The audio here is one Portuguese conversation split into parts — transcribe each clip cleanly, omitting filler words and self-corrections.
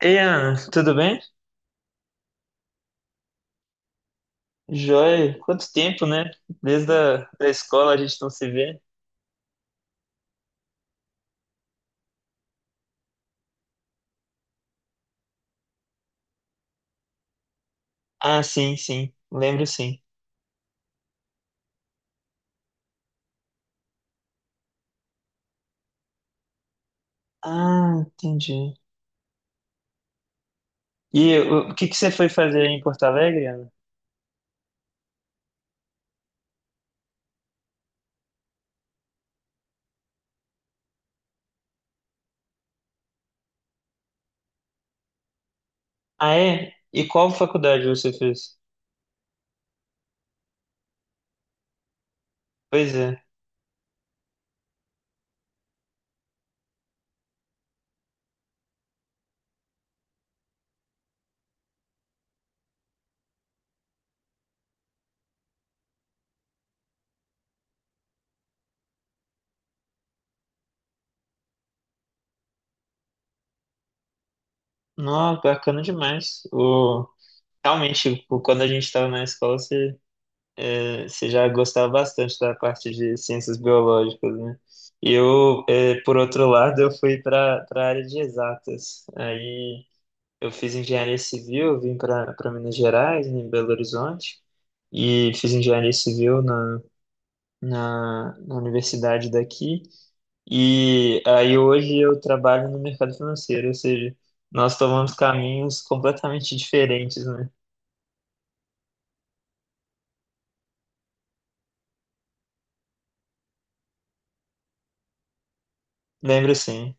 Ei, Ana, tudo bem? Joia, quanto tempo, né? Desde a da escola a gente não se vê. Ah, sim, sim, lembro sim. Ah, entendi. E o que que você foi fazer aí em Porto Alegre, Ana? Ah, é? E qual faculdade você fez? Pois é. Nossa, bacana demais. O, realmente, quando a gente estava na escola, você, você já gostava bastante da parte de ciências biológicas, né? Eu, por outro lado, eu fui para a área de exatas. Aí. Eu fiz engenharia civil, vim para Minas Gerais, né, em Belo Horizonte, e fiz engenharia civil na universidade daqui. E aí hoje eu trabalho no mercado financeiro, ou seja, nós tomamos caminhos completamente diferentes, né? Lembro sim.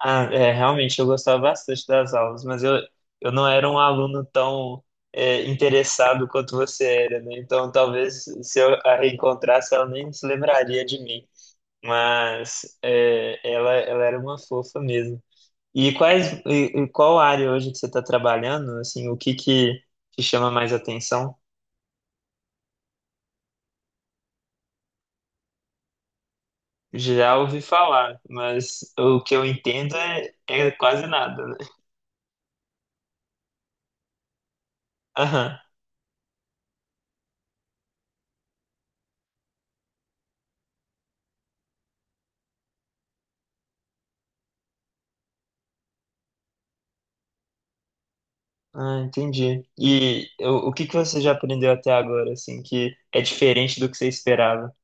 Ah, é, realmente eu gostava bastante das aulas, mas eu não era um aluno tão interessado quanto você era, né? Então talvez se eu a reencontrasse, ela nem se lembraria de mim. Mas é, ela era uma fofa mesmo. E qual área hoje que você está trabalhando? Assim, o que que te chama mais atenção? Já ouvi falar, mas o que eu entendo é, é quase nada, né? Aham. Ah, entendi. E o que que você já aprendeu até agora, assim, que é diferente do que você esperava?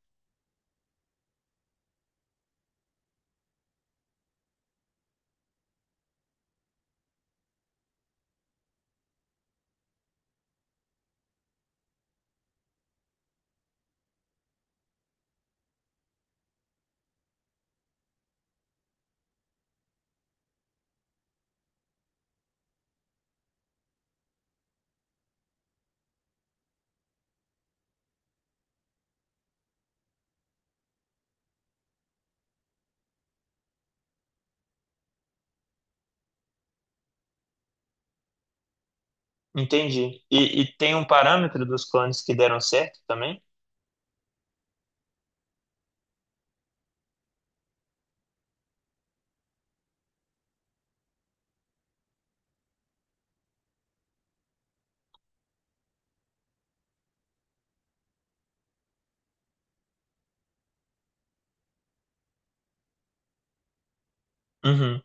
Entendi. E tem um parâmetro dos clones que deram certo também? Uhum.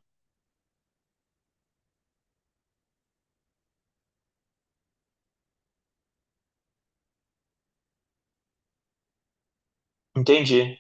Entendi.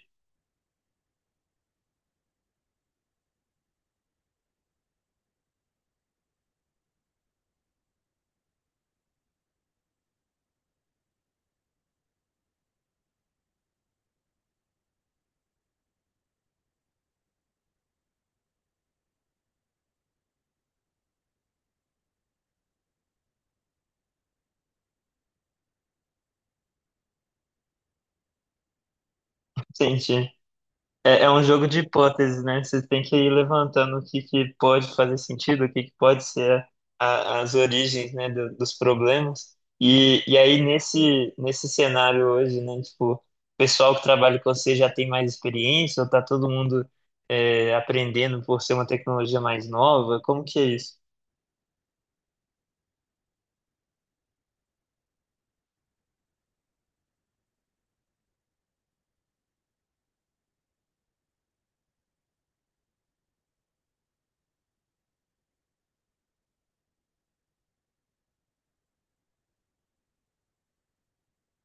Entendi. É, é um jogo de hipóteses, né? Você tem que ir levantando que pode fazer sentido, que pode ser as origens, né, dos problemas. E aí, nesse cenário hoje, né, tipo, o pessoal que trabalha com você já tem mais experiência ou tá todo mundo aprendendo por ser uma tecnologia mais nova? Como que é isso?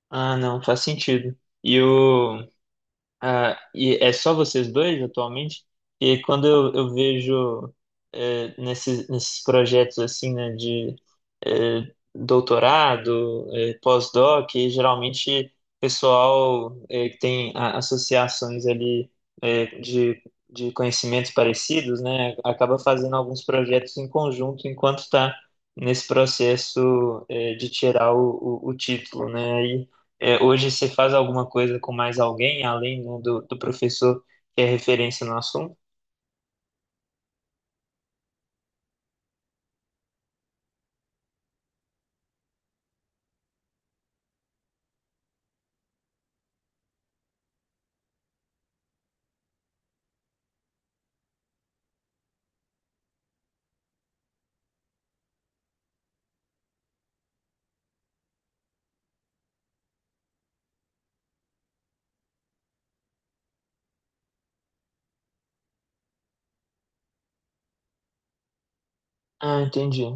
Ah, não, faz sentido. E o. Ah, e é só vocês dois atualmente? E quando eu vejo nesses, nesses projetos assim, né, de doutorado, pós-doc, e geralmente pessoal que tem associações ali eh, de, de conhecimentos parecidos, né, acaba fazendo alguns projetos em conjunto enquanto está nesse processo de tirar o título, né? É, hoje você faz alguma coisa com mais alguém, além do do professor que é referência no assunto? Ah, entendi.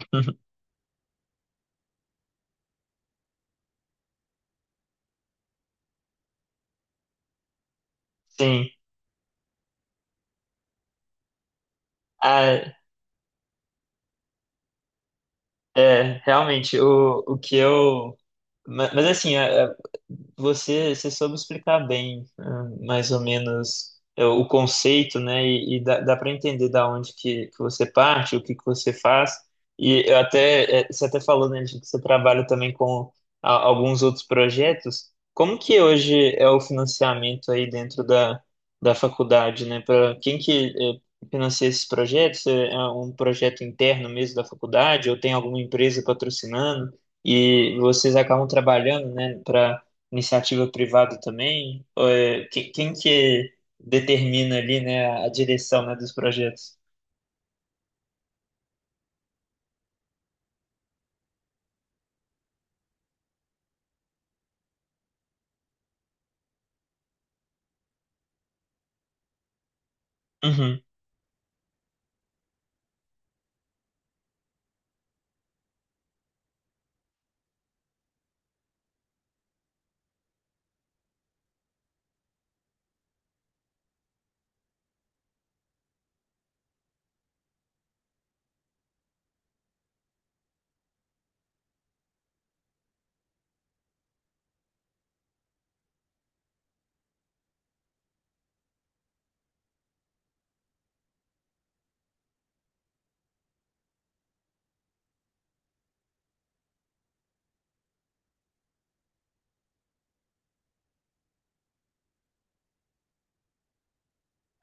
Sim. Ah, é, realmente, o que eu. Mas, assim, você, você soube explicar bem, ah, mais ou menos, é, o conceito, né? E dá para entender da onde que você parte, o que que você faz. E eu até, é, você até falou, né, de que você trabalha também com alguns outros projetos. Como que hoje é o financiamento aí dentro da, da faculdade, né? Para quem que é, financia esses projetos? É é um projeto interno mesmo da faculdade ou tem alguma empresa patrocinando? E vocês acabam trabalhando, né, para iniciativa privada também? Ou quem que determina ali, né, a direção, né, dos projetos? Uhum.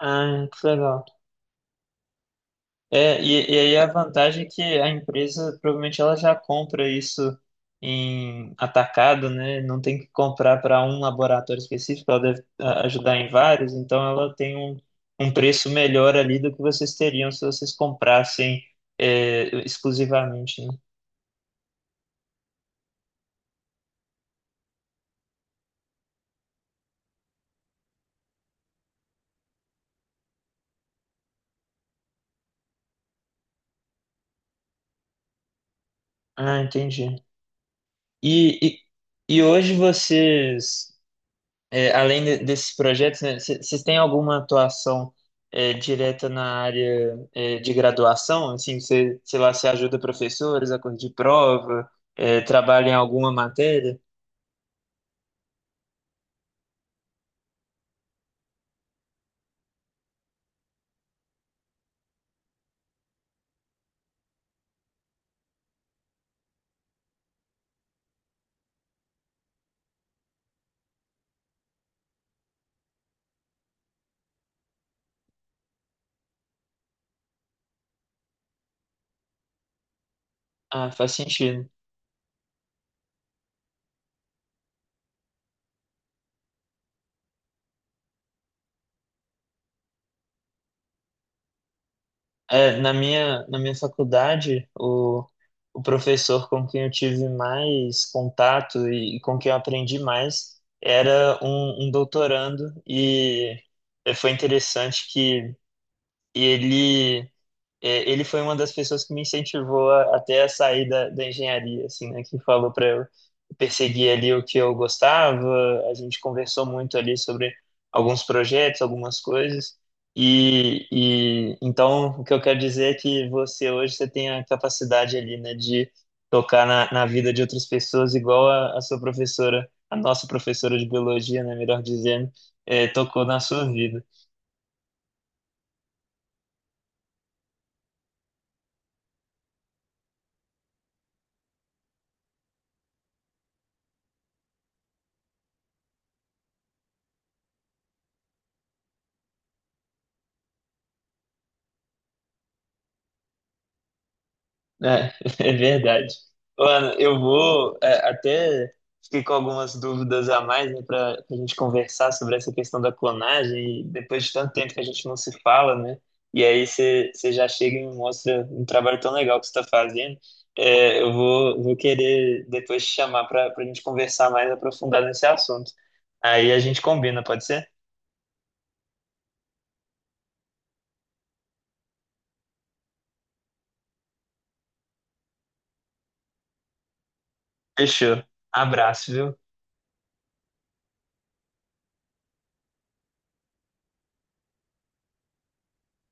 Ah, que legal. É, e aí a vantagem é que a empresa provavelmente ela já compra isso em atacado, né? Não tem que comprar para um laboratório específico, ela deve ah, ajudar em vários, então ela tem um, um preço melhor ali do que vocês teriam se vocês comprassem é, exclusivamente, né? Ah, entendi. E, e hoje vocês, é, além desses projetos, né, vocês têm alguma atuação é, direta na área é, de graduação? Assim, você, sei lá, você ajuda professores a corrigir prova, é, trabalha em alguma matéria? Ah, faz sentido. É, na na minha faculdade, o professor com quem eu tive mais contato e com quem eu aprendi mais era um doutorando, e foi interessante que ele ele foi uma das pessoas que me incentivou a, até a sair da, da engenharia, assim, né? Que falou para eu perseguir ali o que eu gostava. A gente conversou muito ali sobre alguns projetos, algumas coisas. E então o que eu quero dizer é que você hoje você tem a capacidade ali, né, de tocar na, na vida de outras pessoas, igual a sua professora, a nossa professora de biologia, né, melhor dizendo, é, tocou na sua vida. É, é verdade. Ô, eu vou é, até fiquei com algumas dúvidas a mais, né, para a gente conversar sobre essa questão da clonagem, e depois de tanto tempo que a gente não se fala, né? E aí você já chega e me mostra um trabalho tão legal que você está fazendo. É, eu vou querer depois te chamar para a gente conversar mais aprofundado nesse assunto. Aí a gente combina, pode ser? Fechou. Abraço, viu?